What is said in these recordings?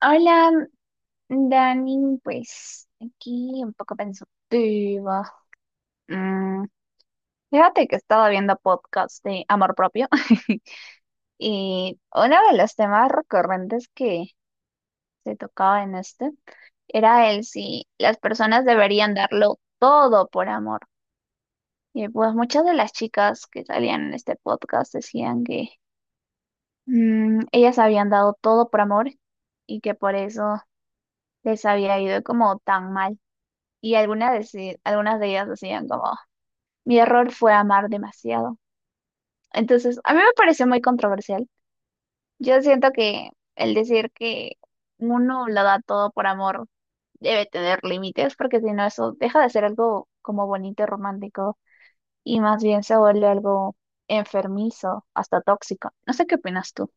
Hola, Dani, pues aquí un poco pensativa. Mm, Fíjate que estaba viendo podcast de amor propio y uno de los temas recurrentes que se tocaba en este era el si las personas deberían darlo todo por amor. Y pues muchas de las chicas que salían en este podcast decían que ellas habían dado todo por amor y que por eso les había ido como tan mal. Y algunas de ellas decían como, mi error fue amar demasiado. Entonces, a mí me pareció muy controversial. Yo siento que el decir que uno lo da todo por amor debe tener límites, porque si no, eso deja de ser algo como bonito y romántico y más bien se vuelve algo enfermizo, hasta tóxico. No sé qué opinas tú.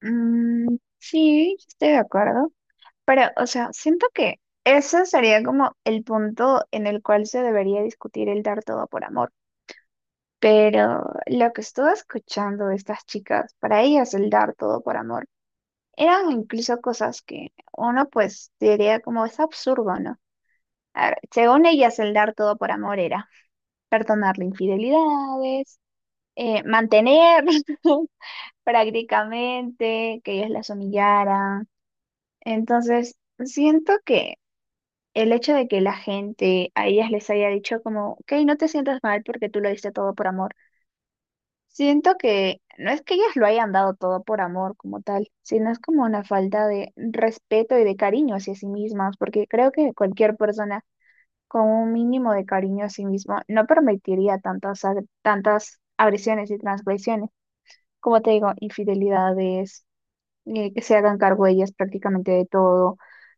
Mm, sí, estoy de acuerdo. Pero, o sea, siento que ese sería como el punto en el cual se debería discutir el dar todo por amor. Pero lo que estuve escuchando de estas chicas, para ellas el dar todo por amor eran incluso cosas que uno pues diría como es absurdo, ¿no? A ver, según ellas el dar todo por amor era perdonarle infidelidades, mantener prácticamente que ellos las humillaran. Entonces, siento que el hecho de que la gente a ellas les haya dicho como, ok, no te sientas mal porque tú lo diste todo por amor. Siento que no es que ellas lo hayan dado todo por amor como tal, sino es como una falta de respeto y de cariño hacia sí mismas, porque creo que cualquier persona con un mínimo de cariño a sí mismo no permitiría tantas agresiones y transgresiones, como te digo, infidelidades, que se hagan cargo ellas prácticamente de todo,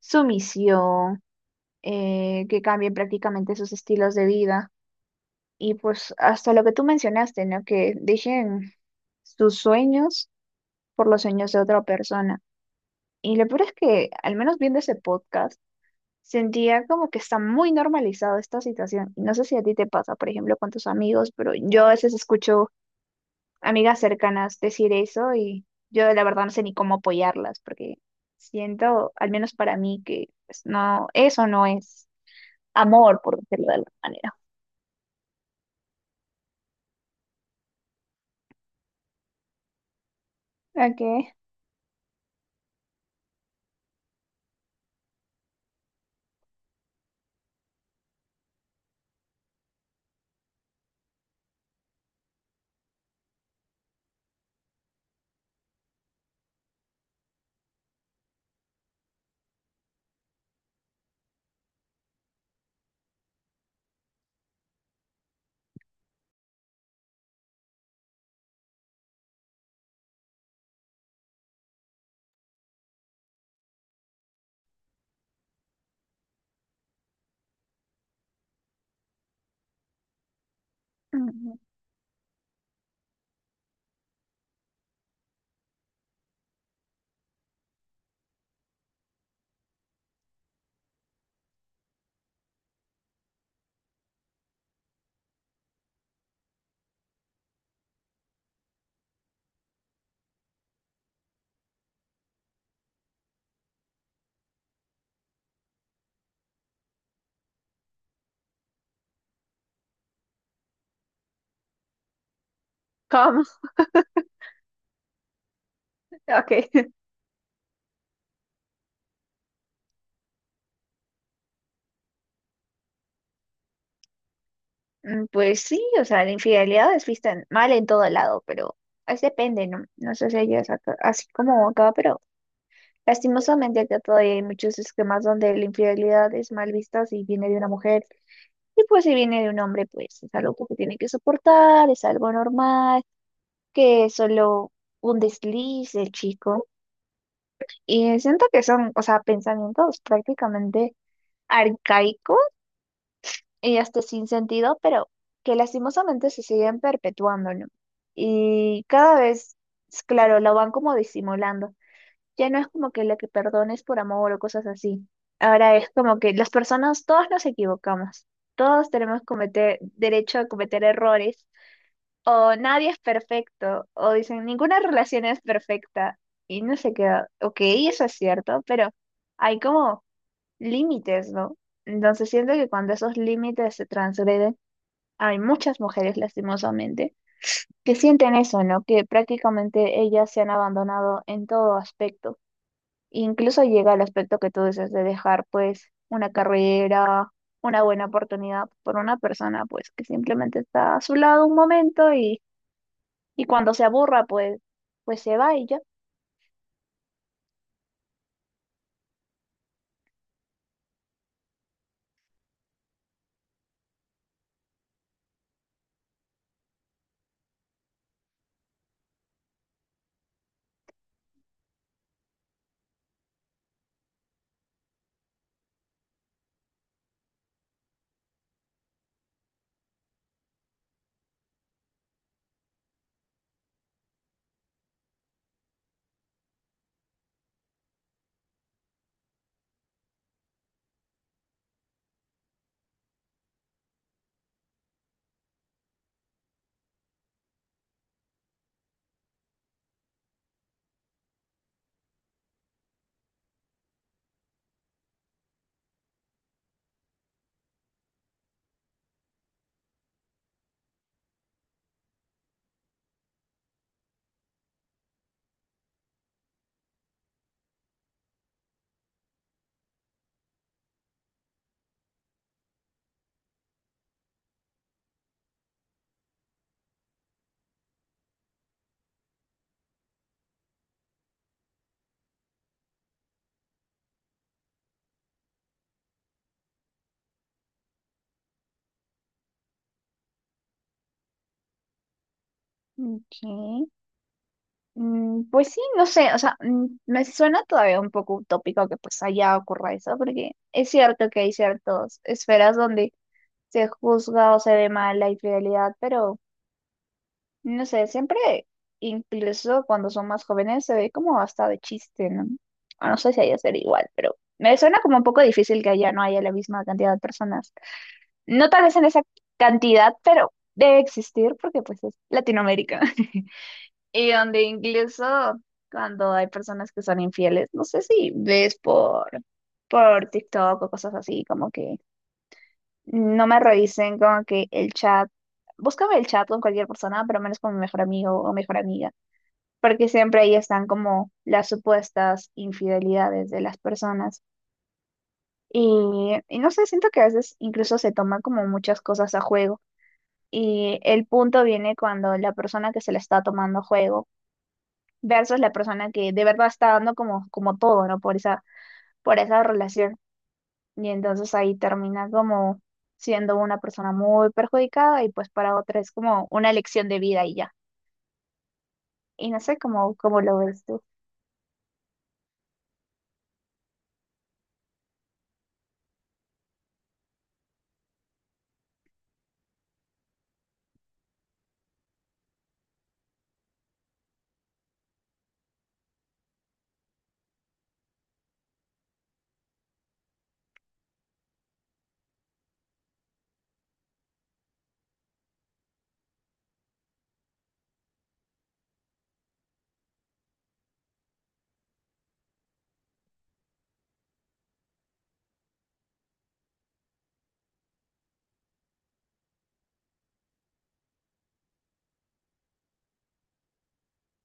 sumisión, que cambien prácticamente sus estilos de vida. Y pues hasta lo que tú mencionaste, ¿no? Que dejen sus sueños por los sueños de otra persona. Y lo peor es que, al menos viendo ese podcast, sentía como que está muy normalizado esta situación. Y no sé si a ti te pasa, por ejemplo, con tus amigos, pero yo a veces escucho amigas cercanas decir eso y yo la verdad no sé ni cómo apoyarlas, porque siento, al menos para mí, que pues no, eso no es amor, por decirlo de alguna manera. Okay. Mm. ¿Cómo? Okay. Mm, pues sí, o sea, la infidelidad es mal en todo lado, pero es depende, ¿no? No sé si así como acá, pero lastimosamente acá todavía hay muchos esquemas donde la infidelidad es mal vista si viene de una mujer y pues si viene de un hombre, pues es algo que tiene que soportar, es algo normal, que es solo un desliz del chico. Y siento que son, o sea, pensamientos prácticamente arcaicos y este sin sentido, pero que lastimosamente se siguen perpetuando, ¿no? Y cada vez, claro, lo van como disimulando. Ya no es como que lo que perdones por amor o cosas así. Ahora es como que las personas, todos nos equivocamos. Todos tenemos cometer, derecho a cometer errores. O nadie es perfecto. O dicen, ninguna relación es perfecta. Y no se queda. Ok, eso es cierto, pero hay como límites, ¿no? Entonces siento que cuando esos límites se transgreden, hay muchas mujeres, lastimosamente, que sienten eso, ¿no? Que prácticamente ellas se han abandonado en todo aspecto. Incluso llega al aspecto que tú dices de dejar, pues, una carrera, una buena oportunidad por una persona, pues, que simplemente está a su lado un momento y cuando se aburra, pues, pues se va y ya. Ok. Mm, pues sí, no sé, o sea, me suena todavía un poco utópico que pues allá ocurra eso, porque es cierto que hay ciertas esferas donde se juzga o se ve mal la infidelidad, pero no sé, siempre, incluso cuando son más jóvenes, se ve como hasta de chiste, ¿no? O no sé si haya ser igual, pero me suena como un poco difícil que allá no haya la misma cantidad de personas. No tal vez en esa cantidad, pero debe existir porque pues es Latinoamérica. Y donde incluso cuando hay personas que son infieles, no sé si ves por TikTok o cosas así, como que no me realicen como que el chat. Búscame el chat con cualquier persona, pero menos con mi mejor amigo o mejor amiga, porque siempre ahí están como las supuestas infidelidades de las personas. Y no sé, siento que a veces incluso se toman como muchas cosas a juego. Y el punto viene cuando la persona que se la está tomando a juego versus la persona que de verdad está dando como, como todo, ¿no? Por esa relación. Y entonces ahí termina como siendo una persona muy perjudicada y pues para otra es como una elección de vida y ya. Y no sé cómo lo ves tú.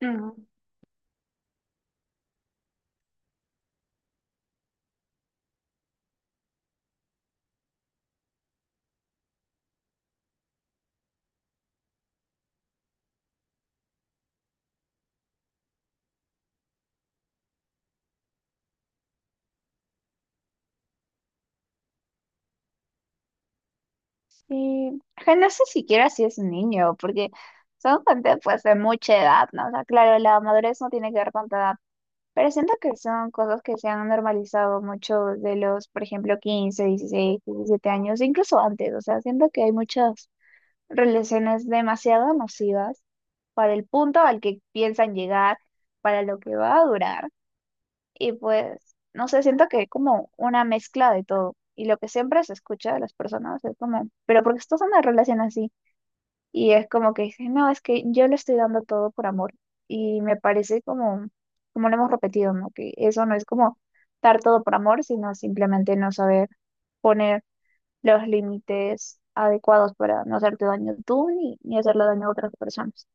Mm. Sí, que no sé siquiera si es un niño, porque son gente pues de mucha edad, ¿no? O sea, claro, la madurez no tiene que ver con tu edad, pero siento que son cosas que se han normalizado mucho de los, por ejemplo, 15 16 17 años, incluso antes, o sea, siento que hay muchas relaciones demasiado nocivas para el punto al que piensan llegar, para lo que va a durar. Y pues, no sé, siento que es como una mezcla de todo. Y lo que siempre se escucha de las personas es como, pero ¿por qué estás en una relación así? Y es como que dicen, no, es que yo le estoy dando todo por amor. Y me parece como, como lo hemos repetido, ¿no? Que eso no es como dar todo por amor, sino simplemente no saber poner los límites adecuados para no hacerte daño tú ni hacerle daño a otras personas.